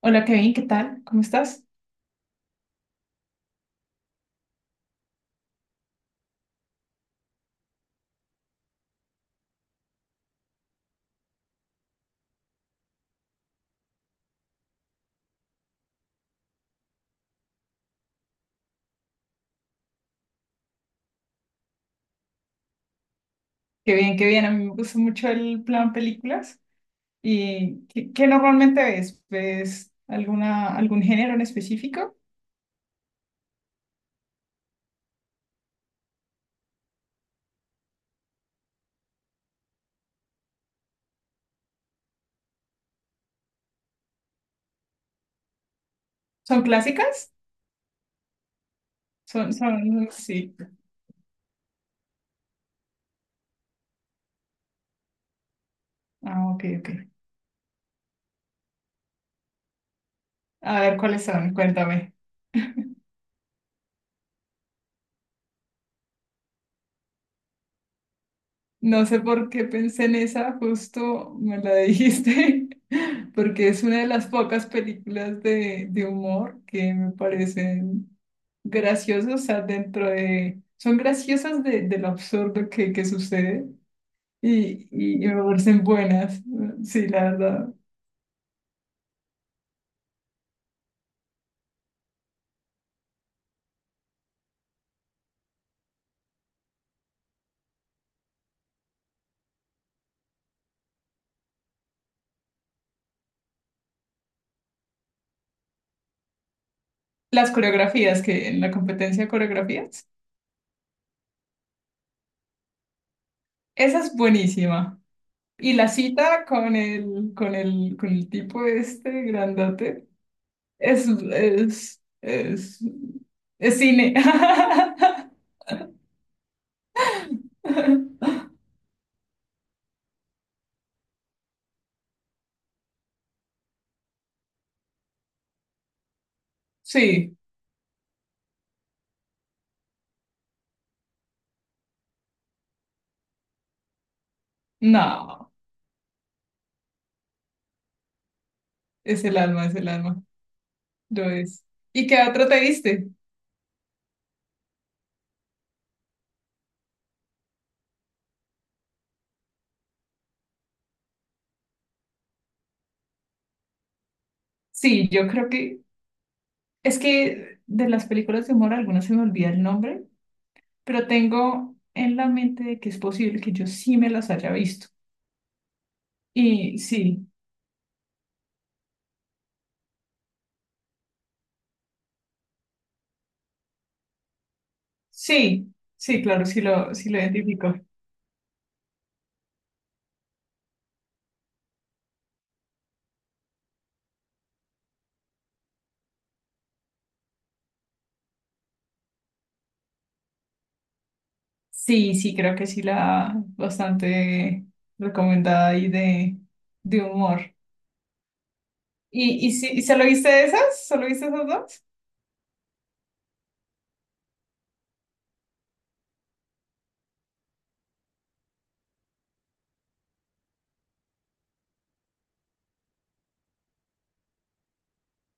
Hola Kevin, ¿qué tal? ¿Cómo estás? Qué bien, qué bien. A mí me gusta mucho el plan películas. ¿Y qué normalmente ves? ¿Ves algún género en específico? ¿Son clásicas? Son, sí. Ah, ok, ok. A ver, ¿cuáles son? Cuéntame. No sé por qué pensé en esa, justo me la dijiste, porque es una de las pocas películas de humor que me parecen graciosos, o sea, dentro de Son graciosas de lo absurdo que sucede y me parecen buenas, sí, la verdad. Las coreografías que en la competencia de coreografías, esa es buenísima. Y la cita con el tipo este grandote es, es, es, es cine. Sí, no, es el alma, lo es. ¿Y qué otro te viste? Sí, yo creo que es que de las películas de humor algunas se me olvida el nombre, pero tengo en la mente de que es posible que yo sí me las haya visto. Y sí, sí, sí, claro, sí lo identifico. Sí, sí, creo que sí la bastante recomendada ahí de humor. Y, sí, ¿y solo viste esas? ¿Solo viste esas dos?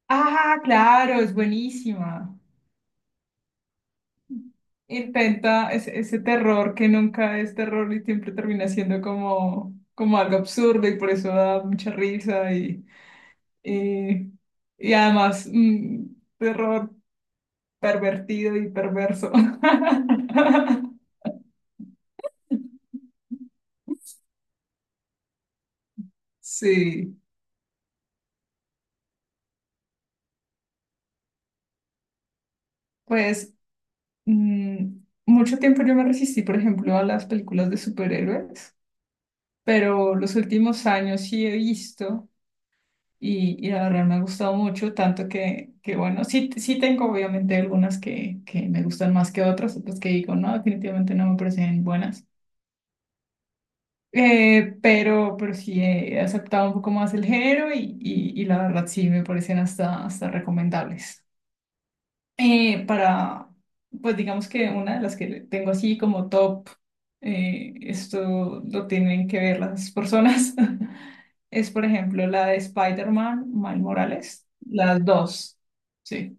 Ah, claro, es buenísima. Intenta ese terror que nunca es terror y siempre termina siendo como, como algo absurdo y por eso da mucha risa y, y además un terror pervertido y perverso. Sí, pues mm, mucho tiempo yo me resistí, por ejemplo, a las películas de superhéroes, pero los últimos años sí he visto. Y la verdad me ha gustado mucho, tanto que bueno, sí, sí tengo obviamente algunas que me gustan más que otras, otras que digo, no, definitivamente no me parecen buenas. Pero sí he aceptado un poco más el género y la verdad sí me parecen hasta recomendables. Eh, para, pues digamos que una de las que tengo así como top, esto lo tienen que ver las personas, es por ejemplo la de Spider-Man, Miles Morales, las dos, sí.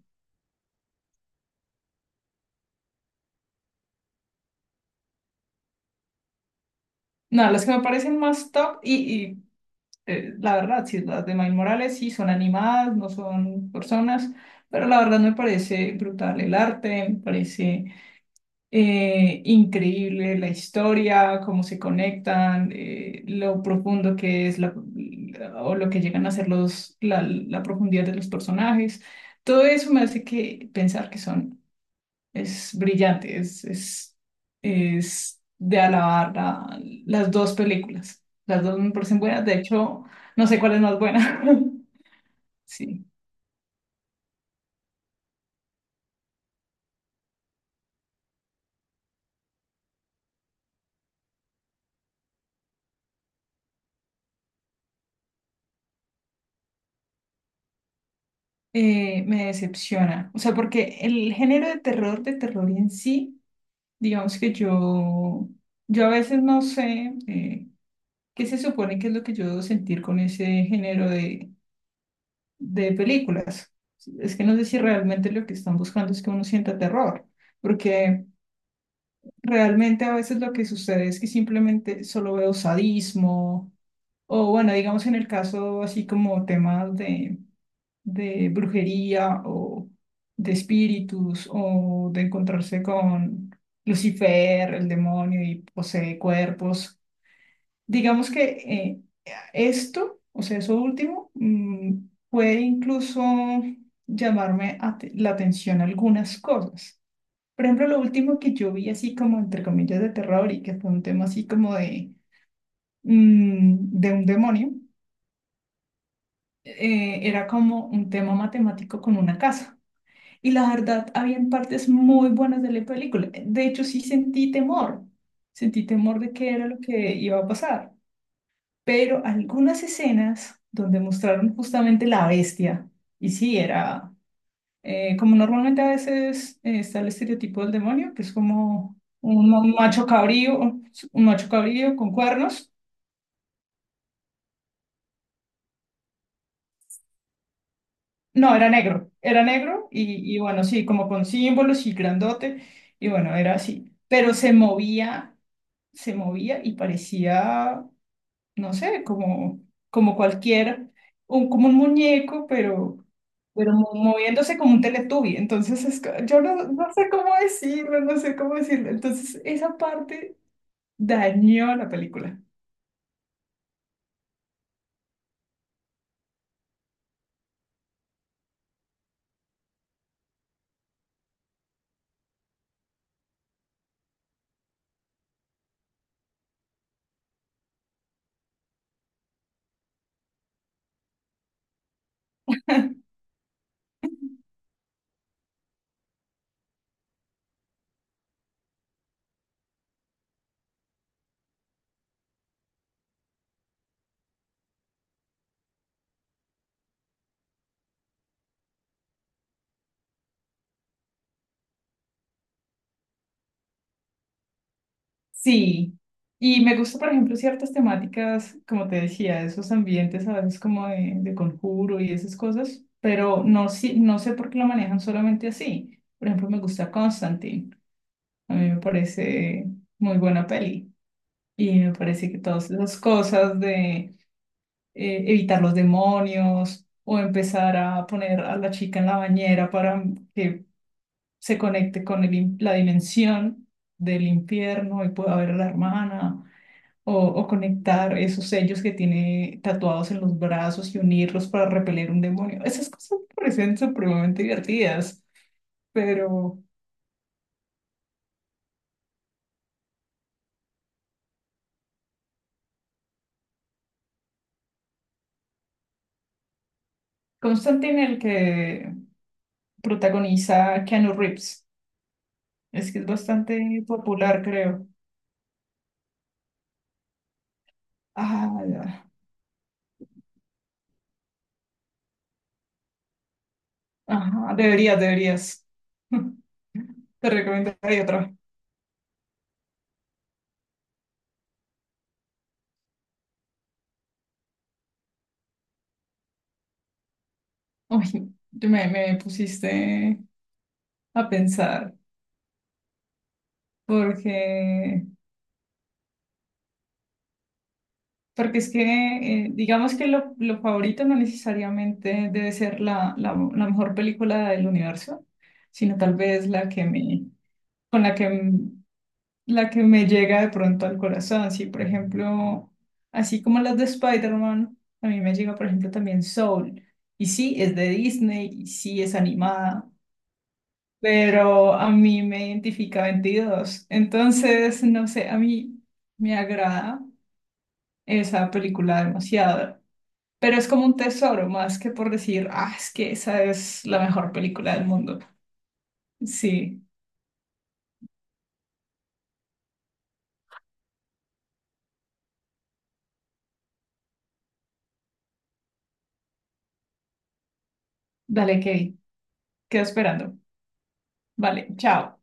No, las que me parecen más top y, la verdad, sí, las de Miles Morales sí son animadas, no son personas, pero la verdad me parece brutal el arte, me parece increíble la historia, cómo se conectan, lo profundo que es o lo que llegan a ser la profundidad de los personajes. Todo eso me hace que pensar que son, es brillante, es de alabar las dos películas. Las dos me parecen buenas, de hecho, no sé cuál es más buena. Sí. Me decepciona. O sea, porque el género de terror en sí, digamos que yo a veces no sé qué se supone que es lo que yo debo sentir con ese género de películas. Es que no sé si realmente lo que están buscando es que uno sienta terror, porque realmente a veces lo que sucede es que simplemente solo veo sadismo, o bueno, digamos en el caso así como temas de brujería o de espíritus o de encontrarse con Lucifer, el demonio y posee cuerpos. Digamos que esto, o sea, eso último, puede incluso llamarme la atención algunas cosas. Por ejemplo, lo último que yo vi así como entre comillas de terror y que fue un tema así como mm, de un demonio, era como un tema matemático con una casa. Y la verdad, habían partes muy buenas de la película. De hecho, sí sentí temor. Sentí temor de qué era lo que iba a pasar. Pero algunas escenas donde mostraron justamente la bestia, y sí, era como normalmente a veces está el estereotipo del demonio, que es como un macho cabrío, un macho cabrío con cuernos. No, era negro y bueno, sí, como con símbolos y grandote, y bueno, era así. Pero se movía y parecía, no sé, como, como cualquier, como un muñeco, pero moviéndose como un teletubi. Entonces, yo no, no sé cómo decirlo, no sé cómo decirlo. Entonces, esa parte dañó la película. Sí. Y me gusta, por ejemplo, ciertas temáticas, como te decía, esos ambientes a veces como de conjuro y esas cosas, pero no, si no sé por qué lo manejan solamente así. Por ejemplo, me gusta Constantine. A mí me parece muy buena peli. Y me parece que todas esas cosas de evitar los demonios o empezar a poner a la chica en la bañera para que se conecte con la dimensión del infierno y pueda ver a la hermana. O, o conectar esos sellos que tiene tatuados en los brazos y unirlos para repeler un demonio. Esas cosas me parecen supremamente divertidas, pero Constantine, el que protagoniza Keanu Reeves, es que es bastante popular, creo. Ah, ya. Ajá, deberías, deberías. Te recomendaría otra. Uy, me pusiste a pensar, porque, porque es que digamos que lo favorito no necesariamente debe ser la mejor película del universo, sino tal vez la que me, con la que me llega de pronto al corazón. Sí, por ejemplo, así como las de Spider-Man, a mí me llega, por ejemplo, también Soul. Y sí, es de Disney y sí es animada, pero a mí me identifica 22. Entonces, no sé, a mí me agrada esa película demasiado. Pero es como un tesoro, más que por decir, ah, es que esa es la mejor película del mundo. Sí, dale, Kevin, quedo esperando. Vale, chao.